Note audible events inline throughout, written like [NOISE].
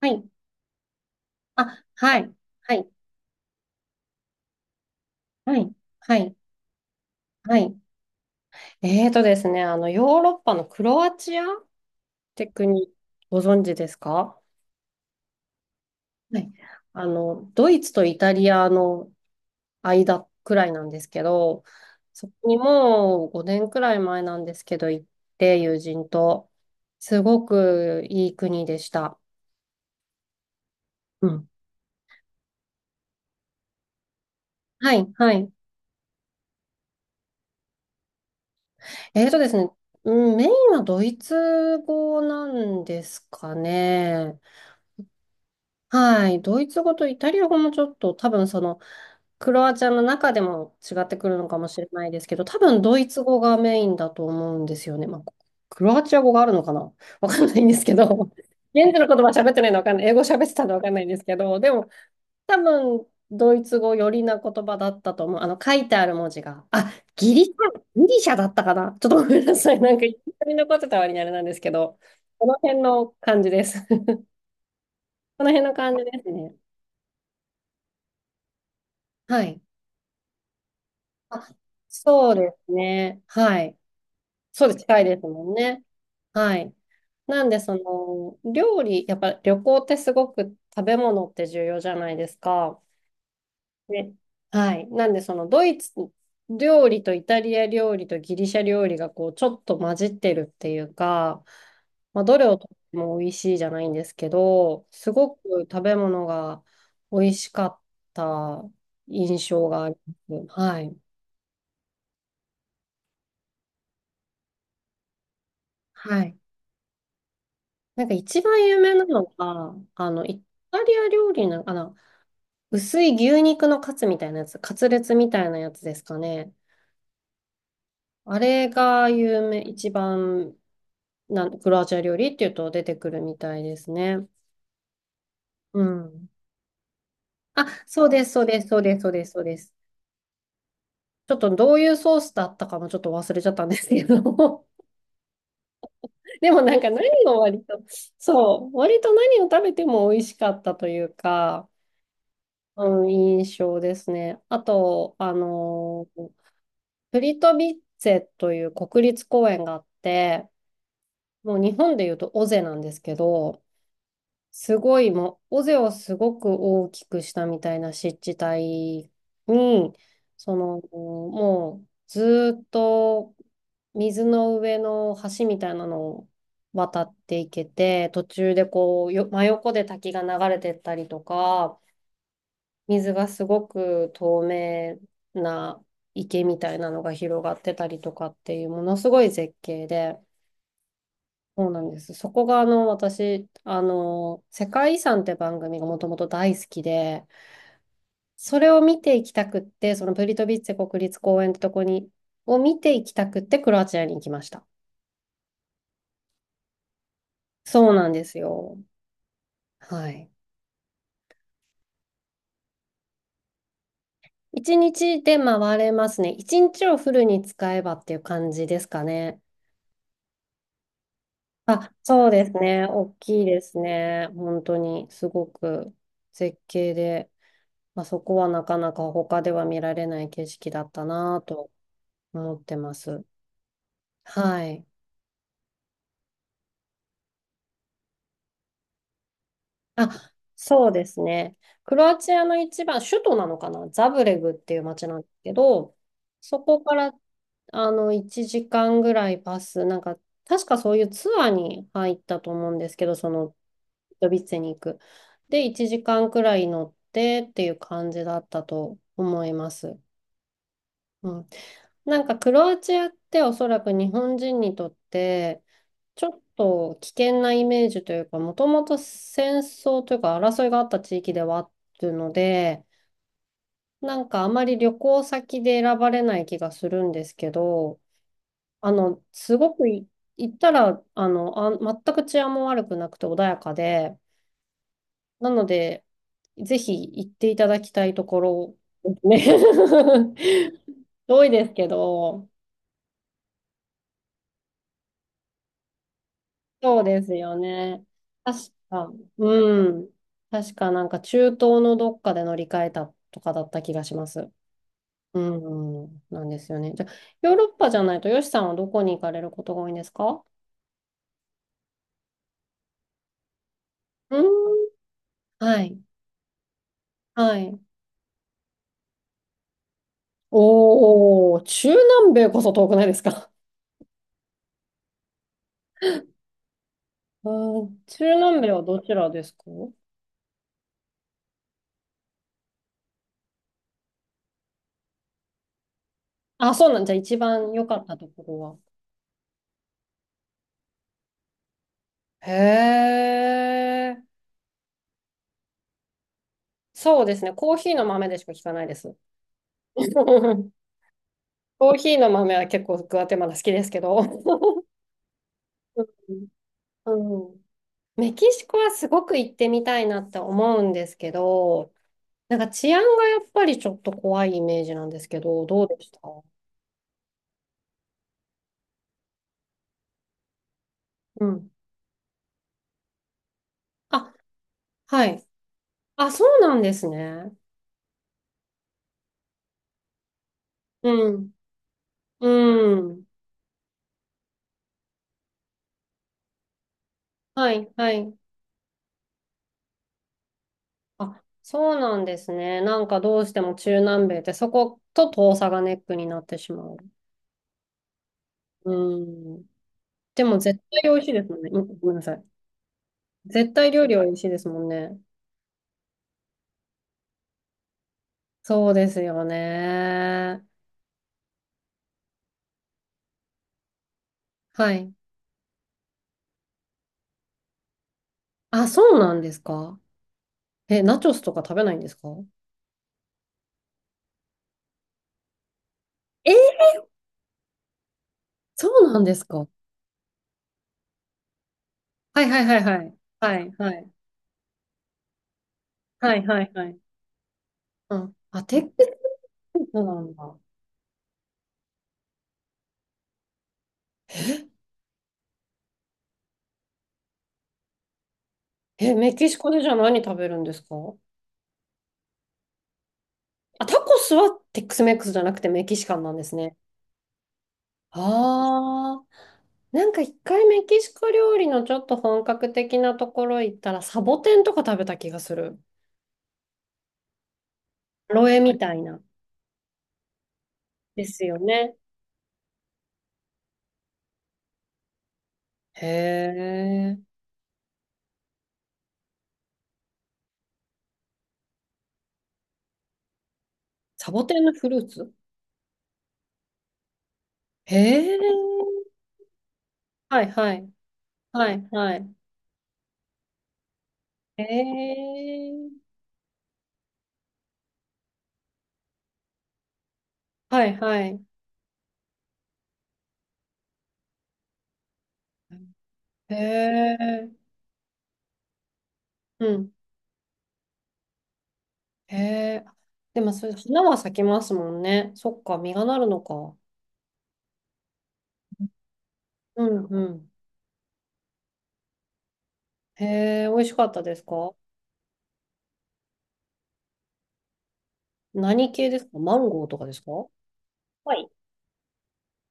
はい。あ、はい。はい。はい。はい。はい。えーとですね、ヨーロッパのクロアチアって国、ご存知ですか？はい。ドイツとイタリアの間くらいなんですけど、そこにもう5年くらい前なんですけど、行って、友人と、すごくいい国でした。うん。はい。はい。えーとですね、うん、メインはドイツ語なんですかね。はい。ドイツ語とイタリア語もちょっと多分そのクロアチアの中でも違ってくるのかもしれないですけど、多分ドイツ語がメインだと思うんですよね。まあ、クロアチア語があるのかな。 [LAUGHS] わかんないんですけど、[LAUGHS] 現地の言葉喋ってないのわかんない。英語喋ってたのわかんないんですけど、でも多分ドイツ語寄りな言葉だったと思う。あの書いてある文字が。あ、ギリシャだったかな。 [LAUGHS] ちょっとごめんなさい。なんか一緒に残ってた割にあれなんですけど、この辺の感じです。[LAUGHS] この辺の感じですね。はい。あ、そうですね。はい。そうです。近いですもんね。はい。なんで、その、料理、やっぱ旅行ってすごく食べ物って重要じゃないですか。ね。はい。なんで、ドイツ料理とイタリア料理とギリシャ料理が、こう、ちょっと混じってるっていうか、まあ、どれをとっても美味しいじゃないんですけど、すごく食べ物が美味しかった印象があります。はい。はい。なんか一番有名なのが、イタリア料理の、薄い牛肉のカツみたいなやつ、カツレツみたいなやつですかね。あれが有名、一番なん、クロアチア料理っていうと出てくるみたいですね。うん。あ、そうです、そうです、そうです、そうです、そうです。ちょっとどういうソースだったかもちょっと忘れちゃったんですけど。[LAUGHS] でもなんか何を割と、そう、割と何を食べても美味しかったというか、うん、印象ですね。あと、プリトビッツェという国立公園があって、もう日本でいうと尾瀬なんですけど、すごいもう、尾瀬をすごく大きくしたみたいな湿地帯に、もうずーっと水の上の橋みたいなのを渡っていけて、途中でこう、真横で滝が流れてったりとか、水がすごく透明な池みたいなのが広がってたりとかっていうものすごい絶景で、そうなんです。そこが私、世界遺産って番組がもともと大好きで、それを見ていきたくって、そのプリトビッツェ国立公園ってとこに、を見ていきたくってクロアチアに行きました。そうなんですよ。はい。一日で回れますね。一日をフルに使えばっていう感じですかね。あ、そうですね。大きいですね。本当に、すごく絶景で、まあ、そこはなかなか他では見られない景色だったなぁと思ってます。はい。あ、そうですね。クロアチアの一番、首都なのかなザブレグっていう街なんですけど、そこから、1時間ぐらいバス、なんか、確かそういうツアーに入ったと思うんですけど、ドビッツェに行く。で、1時間くらい乗ってっていう感じだったと思います。うん、なんかクロアチアっておそらく日本人にとってちょっと危険なイメージというか、もともと戦争というか争いがあった地域ではあるので、なんかあまり旅行先で選ばれない気がするんですけど、あのすごくい行ったら、全く治安も悪くなくて穏やかで、なので、ぜひ行っていただきたいところですね。 [LAUGHS] 遠いですけど。そうですよね。確か、うん。確かなんか中東のどっかで乗り換えたとかだった気がします。うん、うんなんですよね。じゃあ、ヨーロッパじゃないと、ヨシさんはどこに行かれることが多いんですか？うん。はい。はい。おー、中南米こそ遠くないですか？うん、中南米はどちらですか？あ、そうなんじゃ一番良かったところは。へえ、そうですね。コーヒーの豆でしか聞かないです。[LAUGHS] コーヒーの豆は結構グアテマラ好きですけど、うん、うん、メキシコはすごく行ってみたいなって思うんですけど、なんか治安がやっぱりちょっと怖いイメージなんですけど、どうでした？うん。あ、はい。あ、そうなんですね。うん。うん。はい、はい。あ、そうなんですね。なんかどうしても中南米ってそこと遠さがネックになってしまう。うん。でも絶対美味しいですもんね。うん、ごめんなさい。絶対料理は美味しいですもんね。そうですよね。はい。あ、そうなんですか？え、ナチョスとか食べないんですか？えー、そうなんですか、はいはいはいはい。はいはい。はいはいはい。うん。あ、テックスなんだ。え、メキシコでじゃあ何食べるんですか？あ、タコスはテックスメックスじゃなくてメキシカンなんですね。ああ。なんか一回メキシコ料理のちょっと本格的なところ行ったらサボテンとか食べた気がする。ロエみたいな。ですよね。へえ。サボテンのフルーツ？へえ。はいはい。はいはい。へえ。はいはい。へえ。うん。へえ。でもそれ、花は咲きますもんね。そっか、実がなるのか。うんうん。へえ、美味しかったですか？何系ですか？マンゴーとかですか？はい。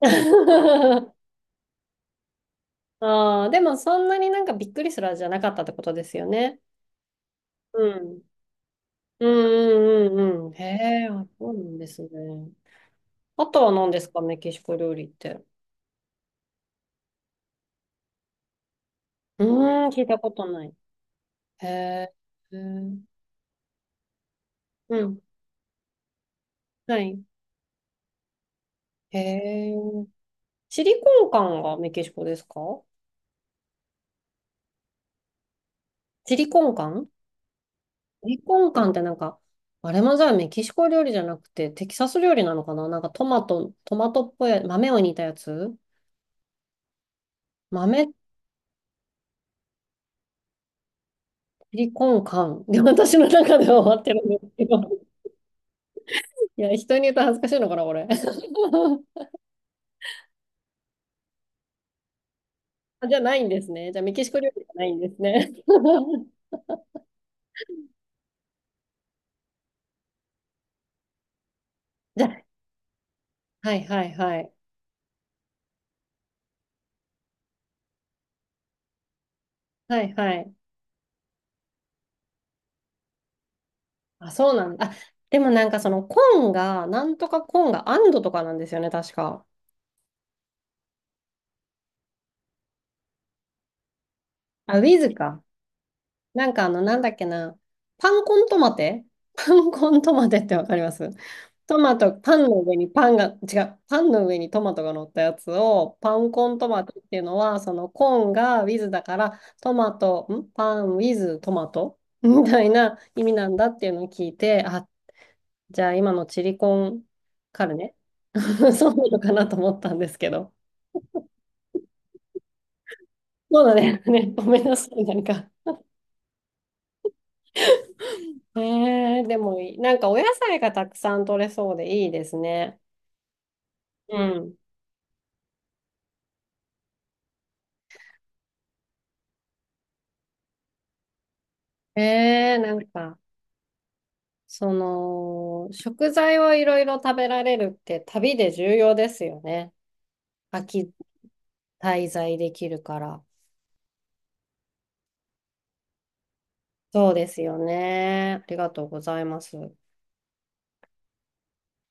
[LAUGHS] ああ、でもそんなになんかびっくりする味じゃなかったってことですよね。うん。うんうんうんうん。へえ、あ、そうなんですね。あとは何ですか、メキシコ料理って。うーん、聞いたことない。へえ、うん、うん、はい。へえ。チリコンカンがメキシコですか？チリコンカン。チリコンカンってなんか、あれもじゃあメキシコ料理じゃなくてテキサス料理なのかな、なんかトマト、トマトっぽい豆を煮たやつ、豆、チリコンカン。で、私の中では終わってるんですけど。いや、人に言うと恥ずかしいのかな、これ。あ、じゃあないんですね。じゃあメキシコ料理じゃないんですね。[LAUGHS] じゃあ、はいはいはい。はいはい。あ、そうなんだ。あ、でもなんかそのコーンが、なんとかコーンがアンドとかなんですよね、確か。あ、ウィズか。なんかなんだっけな。パンコントマテ。 [LAUGHS] パンコントマテってわかります？トマト、パンの上にパンが、違う、パンの上にトマトが乗ったやつを、パンコントマトっていうのは、そのコーンが with だから、トマト、んパン with トマトみたいな意味なんだっていうのを聞いて、あ、じゃあ今のチリコンカルネ。 [LAUGHS] そうなのかなと思ったんですけど。そうだね。ね、ごめんなさい、なんか。でもいい、なんかお野菜がたくさん取れそうでいいですね。うん。なんか。食材をいろいろ食べられるって旅で重要ですよね。秋滞在できるから。そうですよね。ありがとうございます。